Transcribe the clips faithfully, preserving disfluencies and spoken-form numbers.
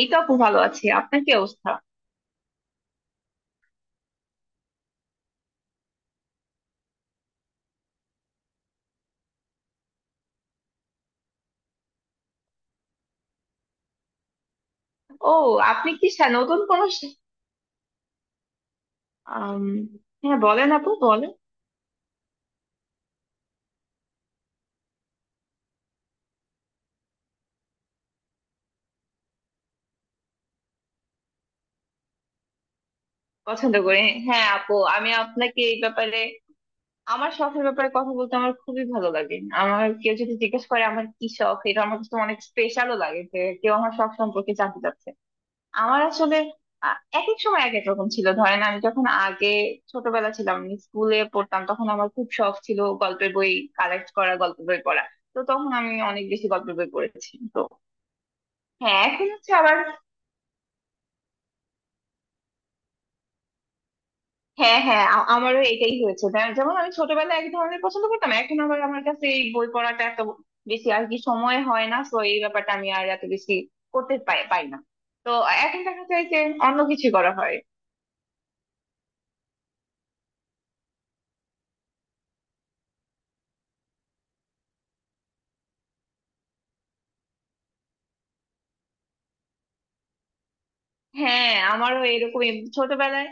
এই তো আপু, ভালো আছি। আপনার কি অবস্থা? ও, আপনি কি সা- নতুন কোন সা- আম, হ্যাঁ, বলেন আপু, বলেন। পছন্দ করে। হ্যাঁ আপু, আমি আপনাকে এই ব্যাপারে, আমার শখের ব্যাপারে কথা বলতে আমার খুবই ভালো লাগে। আমার কেউ যদি জিজ্ঞেস করে আমার কি শখ, এটা আমার কাছে অনেক স্পেশালও লাগে যে কেউ আমার শখ সম্পর্কে জানতে চাচ্ছে। আমার আসলে আ- এক এক সময় এক এক রকম ছিল। ধরেন, আমি যখন আগে ছোটবেলা ছিলাম, আমি স্কুলে পড়তাম, তখন আমার খুব শখ ছিল গল্পের বই কালেক্ট করা, গল্পের বই পড়া। তো তখন আমি অনেক বেশি গল্পের বই পড়েছি। তো হ্যাঁ, এখন হচ্ছে আবার। হ্যাঁ হ্যাঁ, আ- আমারও এটাই হয়েছে যে- যেমন আমি ছোটবেলায় এক ধরনের পছন্দ করতাম, এখন আবার আমার কাছে এই বই পড়াটা এত বেশি আর কি সময় হয় না। তো এই ব্যাপারটা আমি আর এত বেশি করতে পাই পাই না। তো এখন দেখা যায় যে অন্য কিছু করা হয়। হ্যাঁ, আমারও এরকমই। ছোটবেলায়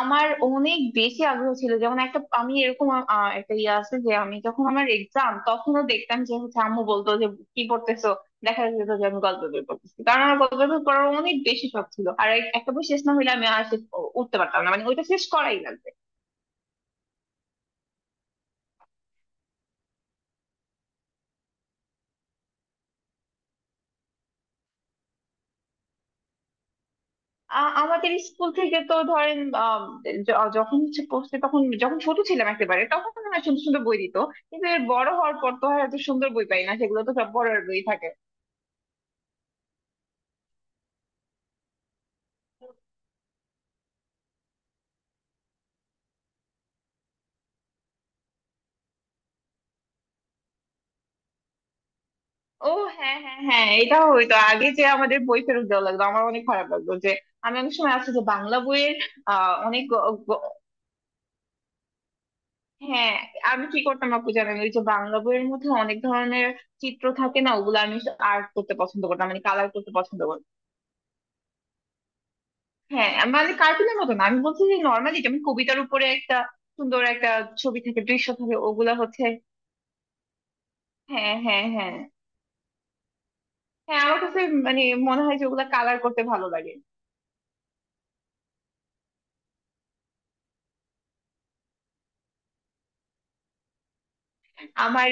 আমার অনেক বেশি আগ্রহ ছিল। যেমন একটা আমি এরকম আ- আ, একটা ইয়ে আছে যে আমি যখন আমার এক্সাম, তখনও দেখতাম যে হচ্ছে আম্মু বলতো যে কি পড়তেছো, দেখা যেত যে আমি গল্পের বই পড়তেছি। কারণ আমার গল্পের বই পড়ার অনেক বেশি শখ ছিল। আর এক- একটা বই শেষ না হলে আমি আর শেষ উ- উঠতে পারতাম না, মানে ওইটা শেষ করাই লাগবে। আ- আমাদের স্কুল থেকে তো ধরেন, আম, য- যখন হচ্ছে পড়তে, তখন যখন ছোট ছিলাম একেবারে, তখন না সুন্দর সুন্দর বই দিত। কিন্তু এর বড় হওয়ার পর তো আর এত সুন্দর বই পাই না, সেগুলো তো সব বড় বই থাকে। ও, হ্যাঁ হ্যাঁ হ্যাঁ, এটা হইতো আগে যে আমাদের বই ফেরত দেওয়া লাগতো। আমার অনেক খারাপ লাগতো যে আমি অনেক সময় আছে যে বাংলা বইয়ের আহ অনেক গ- গ- হ্যাঁ, আমি কি করতাম আপু জানেন? ওই যে বাংলা বইয়ের মধ্যে অনেক ধরনের চিত্র থাকে না, ওগুলো আমি আর্ট করতে পছন্দ করতাম, মানে কালার করতে পছন্দ করতাম। হ্যাঁ মানে কার্টুনের মতো না, আমি বলছি যে নর্মালি যেমন কবিতার উপরে একটা সুন্দর একটা ছবি থাকে, দৃশ্য থাকে, ওগুলা হচ্ছে হ্যাঁ হ্যাঁ হ্যাঁ হ্যাঁ, আমার কাছে মানে মনে হয় যে ওগুলা কালার করতে ভালো লাগে। আমার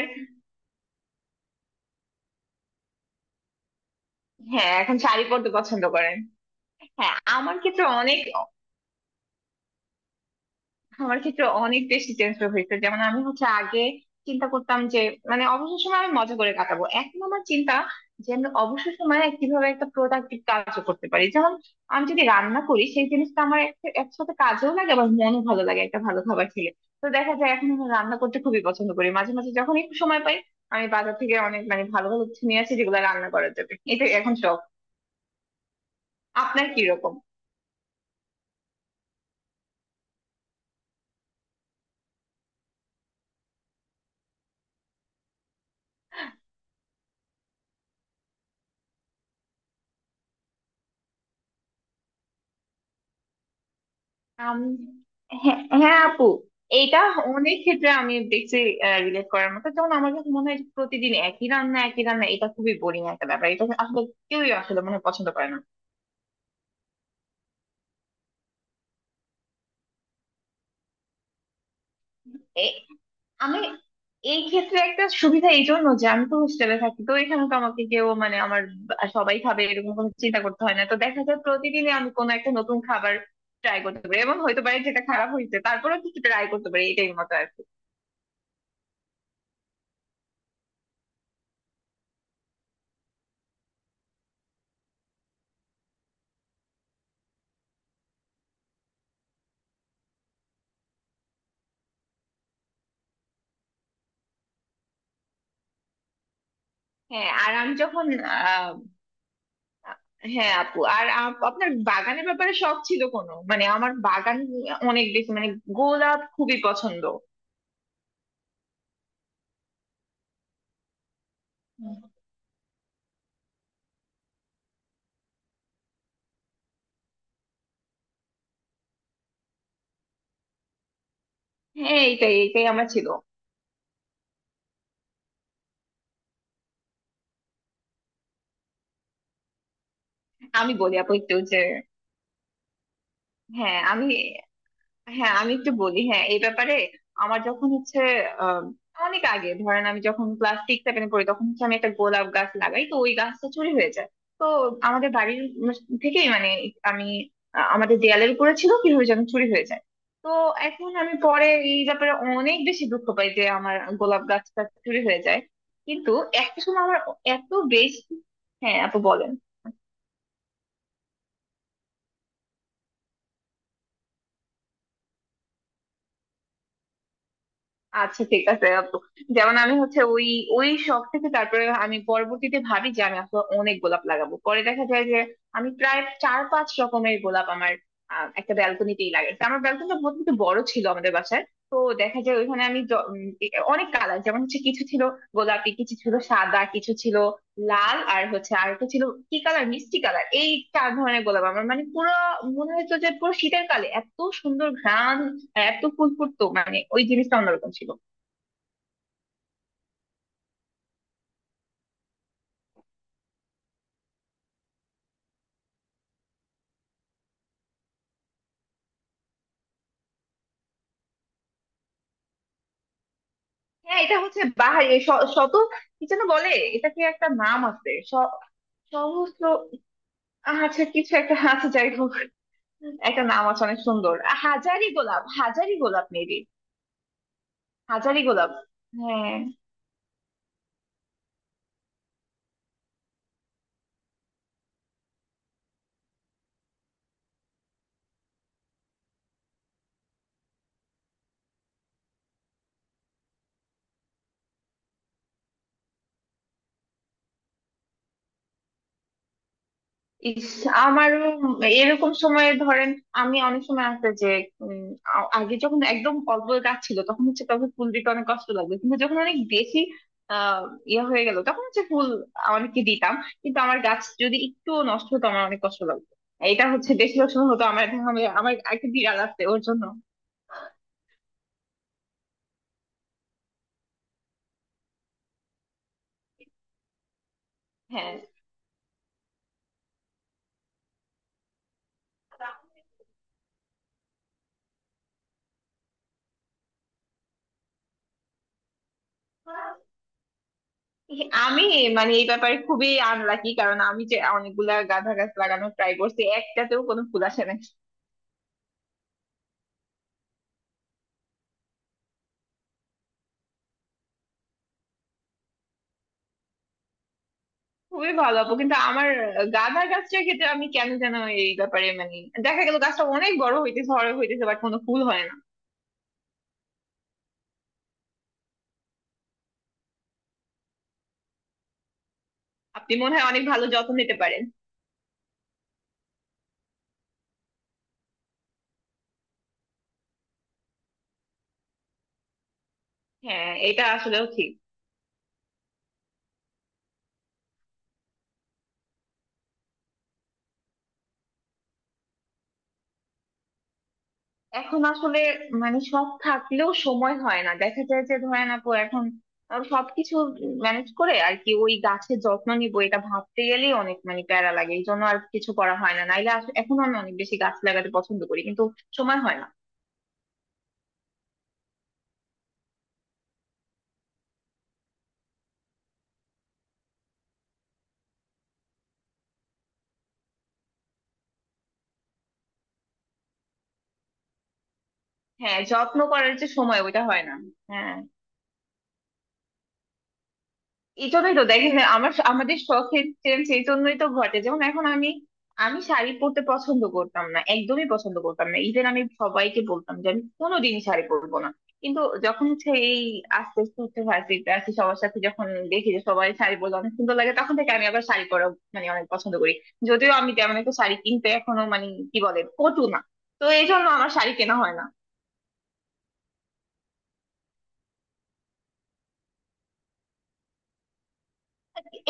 হ্যাঁ, এখন শাড়ি পরতে পছন্দ করে। হ্যাঁ, আমার ক্ষেত্রে অনেক, আমার ক্ষেত্রে অনেক বেশি টেনশন হয়েছে। যেমন আমি হচ্ছে আগে চিন্তা করতাম যে মানে অবসর সময় আমি মজা করে কাটাবো, এখন আমার চিন্তা যে আমি অবসর সময় কিভাবে একটা প্রোডাক্টিভ কাজও করতে পারি। যেমন আমি যদি রান্না করি সেই জিনিসটা আমার এক- একসাথে কাজেও লাগে, আবার মনও ভালো লাগে একটা ভালো খাবার খেলে। তো দেখা যায় এখন আমি রান্না করতে খুবই পছন্দ করি। মাঝে মাঝে যখন একটু সময় পাই আমি বাজার থেকে অনেক মানে ভালো ভালো কিছু নিয়ে আসি যেগুলো রান্না করা যাবে। এটা এখন শখ। আপনার কি রকম? আম, হ্যাঁ হ্যাঁ আপু, এটা অনেক ক্ষেত্রে আমি দেখছি রিলেট করার মতো। যেমন আমার কাছে মনে হয় যে প্রতিদিন একই রান্না একই রান্না, এটা খুবই বোরিং একটা ব্যাপার। এটা আসলে কেউই আসলে মনে হয় পছন্দ করে না। এ- আমি এই ক্ষেত্রে একটা সুবিধা এই জন্য যে আমি তো হোস্টেলে থাকি, তো এখানে তো আমাকে কেউ মানে আমার বা- সবাই খাবে এরকম কোনো চিন্তা করতে হয় না। তো দেখা যায় প্রতিদিনই আমি কোনো একটা নতুন খাবার ট্রাই করতে পারি এবং হয়তো পারে যেটা খারাপ হয়েছে তারপরেও কিছু ট্রাই করতে পারি। এটাই মতো আর কি। হ্যাঁ, আর আমি যখন আ- হ্যাঁ আপু, আর আপ- আপনার বাগানের ব্যাপারে শখ ছিল কোনো? মানে আমার বাগান অনেক বেশি মানে গোলাপ খুবই পছন্দ। হুম। হ্যাঁ, এইটাই এইটাই আমার ছিল। আমি বলি আপু একটু যে, হ্যাঁ আমি, হ্যাঁ আমি একটু বলি, হ্যাঁ এই ব্যাপারে। আমার যখন হচ্ছে আম, অনেক আগে, ধরেন আমি যখন ক্লাস সিক্স সেভেনে পড়ি তখন হচ্ছে আমি একটা গোলাপ গাছ লাগাই, তো ওই গাছটা চুরি হয়ে যায়। তো আমাদের বাড়ির উম থেকেই, মানে আমি, আ, আমাদের দেয়ালের উপরে ছিল, কিভাবে যেন চুরি হয়ে যায়। তো এখন আমি পরে এই ব্যাপারে অনেক বেশি দুঃখ পাই যে আমার গোলাপ গাছটা চুরি হয়ে যায়। কিন্তু একটা সময় আমার এত বেশি হ্যাঁ আপু বলেন। আচ্ছা ঠিক আছে আপু। যেমন আমি হচ্ছে ওই ওই শখ থেকে তারপরে আমি পরবর্তীতে ভাবি যে আমি আসলে অনেক গোলাপ লাগাবো। পরে দেখা যায় যে আমি প্রায় চার পাঁচ রকমের গোলাপ আমার আহ, একটা ব্যালকনিতেই লাগাইছি। আমার ব্যালকনিটা বহুত কিন্তু বড় ছিল আমাদের বাসায়। তো দেখা যায় ওইখানে আমি য- উম, এ- অনেক কালার, যেমন হচ্ছে কিছু ছিল গোলাপি, কিছু ছিল সাদা, কিছু ছিল লাল, আর হচ্ছে আর একটা ছিল কি কালার, মিষ্টি কালার। এই চার ধরনের গোলাপ আমার মানে পুরো মনে হতো যে পুরো শীতের কালে এত সুন্দর ঘ্রাণ আর এত ফুল ফুটতো, মানে ওই জিনিসটা অন্যরকম ছিল। হ্যাঁ, এটা হচ্ছে বাহারি, এই শ- শত, কি যেন বলে, এটাকে একটা নাম আছে স- সহস্র। আচ্ছা, কিছু একটা আছে, যাই হোক, একটা নাম আছে অনেক সুন্দর। হাজারি গোলাপ, হাজারি গোলাপ মেবি। হাজারি গোলাপ। হ্যাঁ। ইস, আমারও এরকম সময়ে, ধরেন আমি অনেক সময় আসতে যে উম, আ- আগে যখন একদম অল্প গাছ ছিল তখন হচ্ছে তবে ফুল দিতে অনেক কষ্ট লাগতো। কিন্তু যখন অনেক বেশি আহ ইয়ে হয়ে গেল তখন হচ্ছে ফুল অনেককে দিতাম। কিন্তু আমার গাছ যদি একটু নষ্ট হতো আমার অনেক কষ্ট লাগতো। এটা হচ্ছে বেশিরভাগ সময় হতো আমার। এখন আমি- আমার একটা বিড়াল আছে ওর জন্য। হ্যাঁ, আমি মানে এই ব্যাপারে খুবই আনলাকি, কারণ আমি যে অনেকগুলা গাঁদা গাছ লাগানোর ট্রাই করছি একটাতেও কোনো ফুল আসে না। খুবই ভালো আপু, কিন্তু আমার গাঁদা গাছটার ক্ষেত্রে আমি কেন যেন এই ব্যাপারে মানে দেখা গেল গাছটা অনেক বড় হইতেছে বড় হইতেছে বাট কোনো ফুল হয় না। আপনি মনে হয় অনেক ভালো যত্ন নিতে পারেন। হ্যাঁ, এটা আসলেও ঠিক। এখন আসলে মানে সব থাকলেও সময় হয় না, দেখা যায় যে ধরেন আপু, এখন আহ, সবকিছু ম্যানেজ করে আর কি ওই গাছের যত্ন নিব এটা ভাবতে গেলেই অনেক মানে প্যারা লাগে। এই জন্য আর কিছু করা হয় না, নাইলে আস- এখন আমি অনেক বেশি গাছ লাগাতে পছন্দ করি কিন্তু সময় হয় না। হ্যাঁ, যত্ন করার যে সময় ওইটা হয় না। হ্যাঁ, এই জন্যই তো দেখেন আমার আমাদের শখের চেঞ্জ এই জন্যই তো ঘটে। যেমন এখন আমি, আমি শাড়ি পরতে পছন্দ করতাম না, একদমই পছন্দ করতাম না। ইভেন আমি সবাইকে বলতাম যে আমি কোনোদিনই শাড়ি পরবো না। কিন্তু যখন হচ্ছে এই আস্তে আস্তে হচ্ছে ভার্সিটিতে আসি, সবার সাথে যখন দেখি যে সবাই শাড়ি পরলে অনেক সুন্দর লাগে, তখন থেকে আমি আবার শাড়ি পরা মানে অনেক পছন্দ করি। যদিও আমি তেমন একটা শাড়ি কিনতে এখনো মানে কি বলে পটু না। তো এই জন্য আমার শাড়ি কেনা হয় না।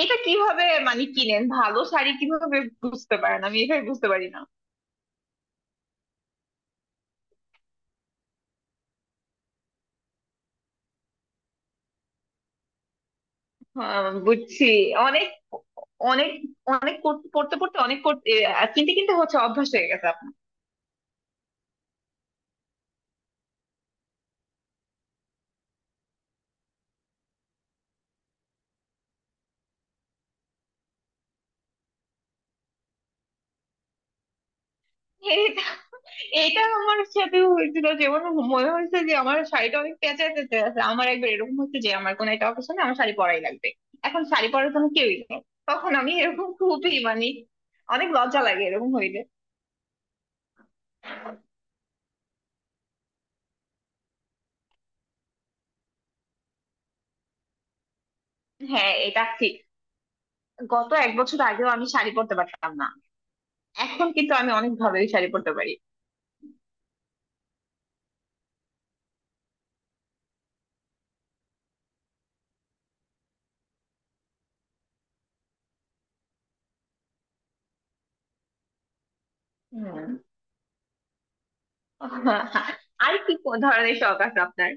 এটা কিভাবে মানে কিনেন, ভালো শাড়ি কিভাবে বুঝতে পারেন, আমি এটাই বুঝতে পারি না। আহ, বুঝছি। অনেক অনেক অনেক পড়তে পড়তে পড়তে অনেক করতে, কিনতে কিনতে হচ্ছে অভ্যাস হয়ে গেছে আপনার। এটা এটা আমার সাথে হয়েছিল। যেমন মনে হয়েছে যে আমার শাড়িটা অনেক প্যাঁচা প্যাঁচা আছে। আমার একবার এরকম হচ্ছে যে আমার কোনো একটা অকেশনে আমার শাড়ি পরাই লাগবে। এখন শাড়ি পরার কোনো কেউই নেই। তখন আমি এরকম খুবই মানে অনেক লজ্জা লাগে এরকম হইলে। হ্যাঁ, এটা ঠিক। গত এক বছর আগেও আমি শাড়ি পরতে পারতাম না, এখন কিন্তু আমি অনেক ভাবেই শাড়ি পরতে পারি। হম। আর কি কোন ধরনের শখ আছে আপনার?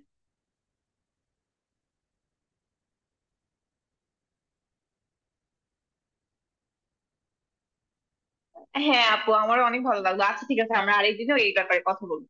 হ্যাঁ আপু, আমারও অনেক ভালো লাগলো। আচ্ছা ঠিক আছে, আমরা আরেকদিনও এই ব্যাপারে কথা বলবো।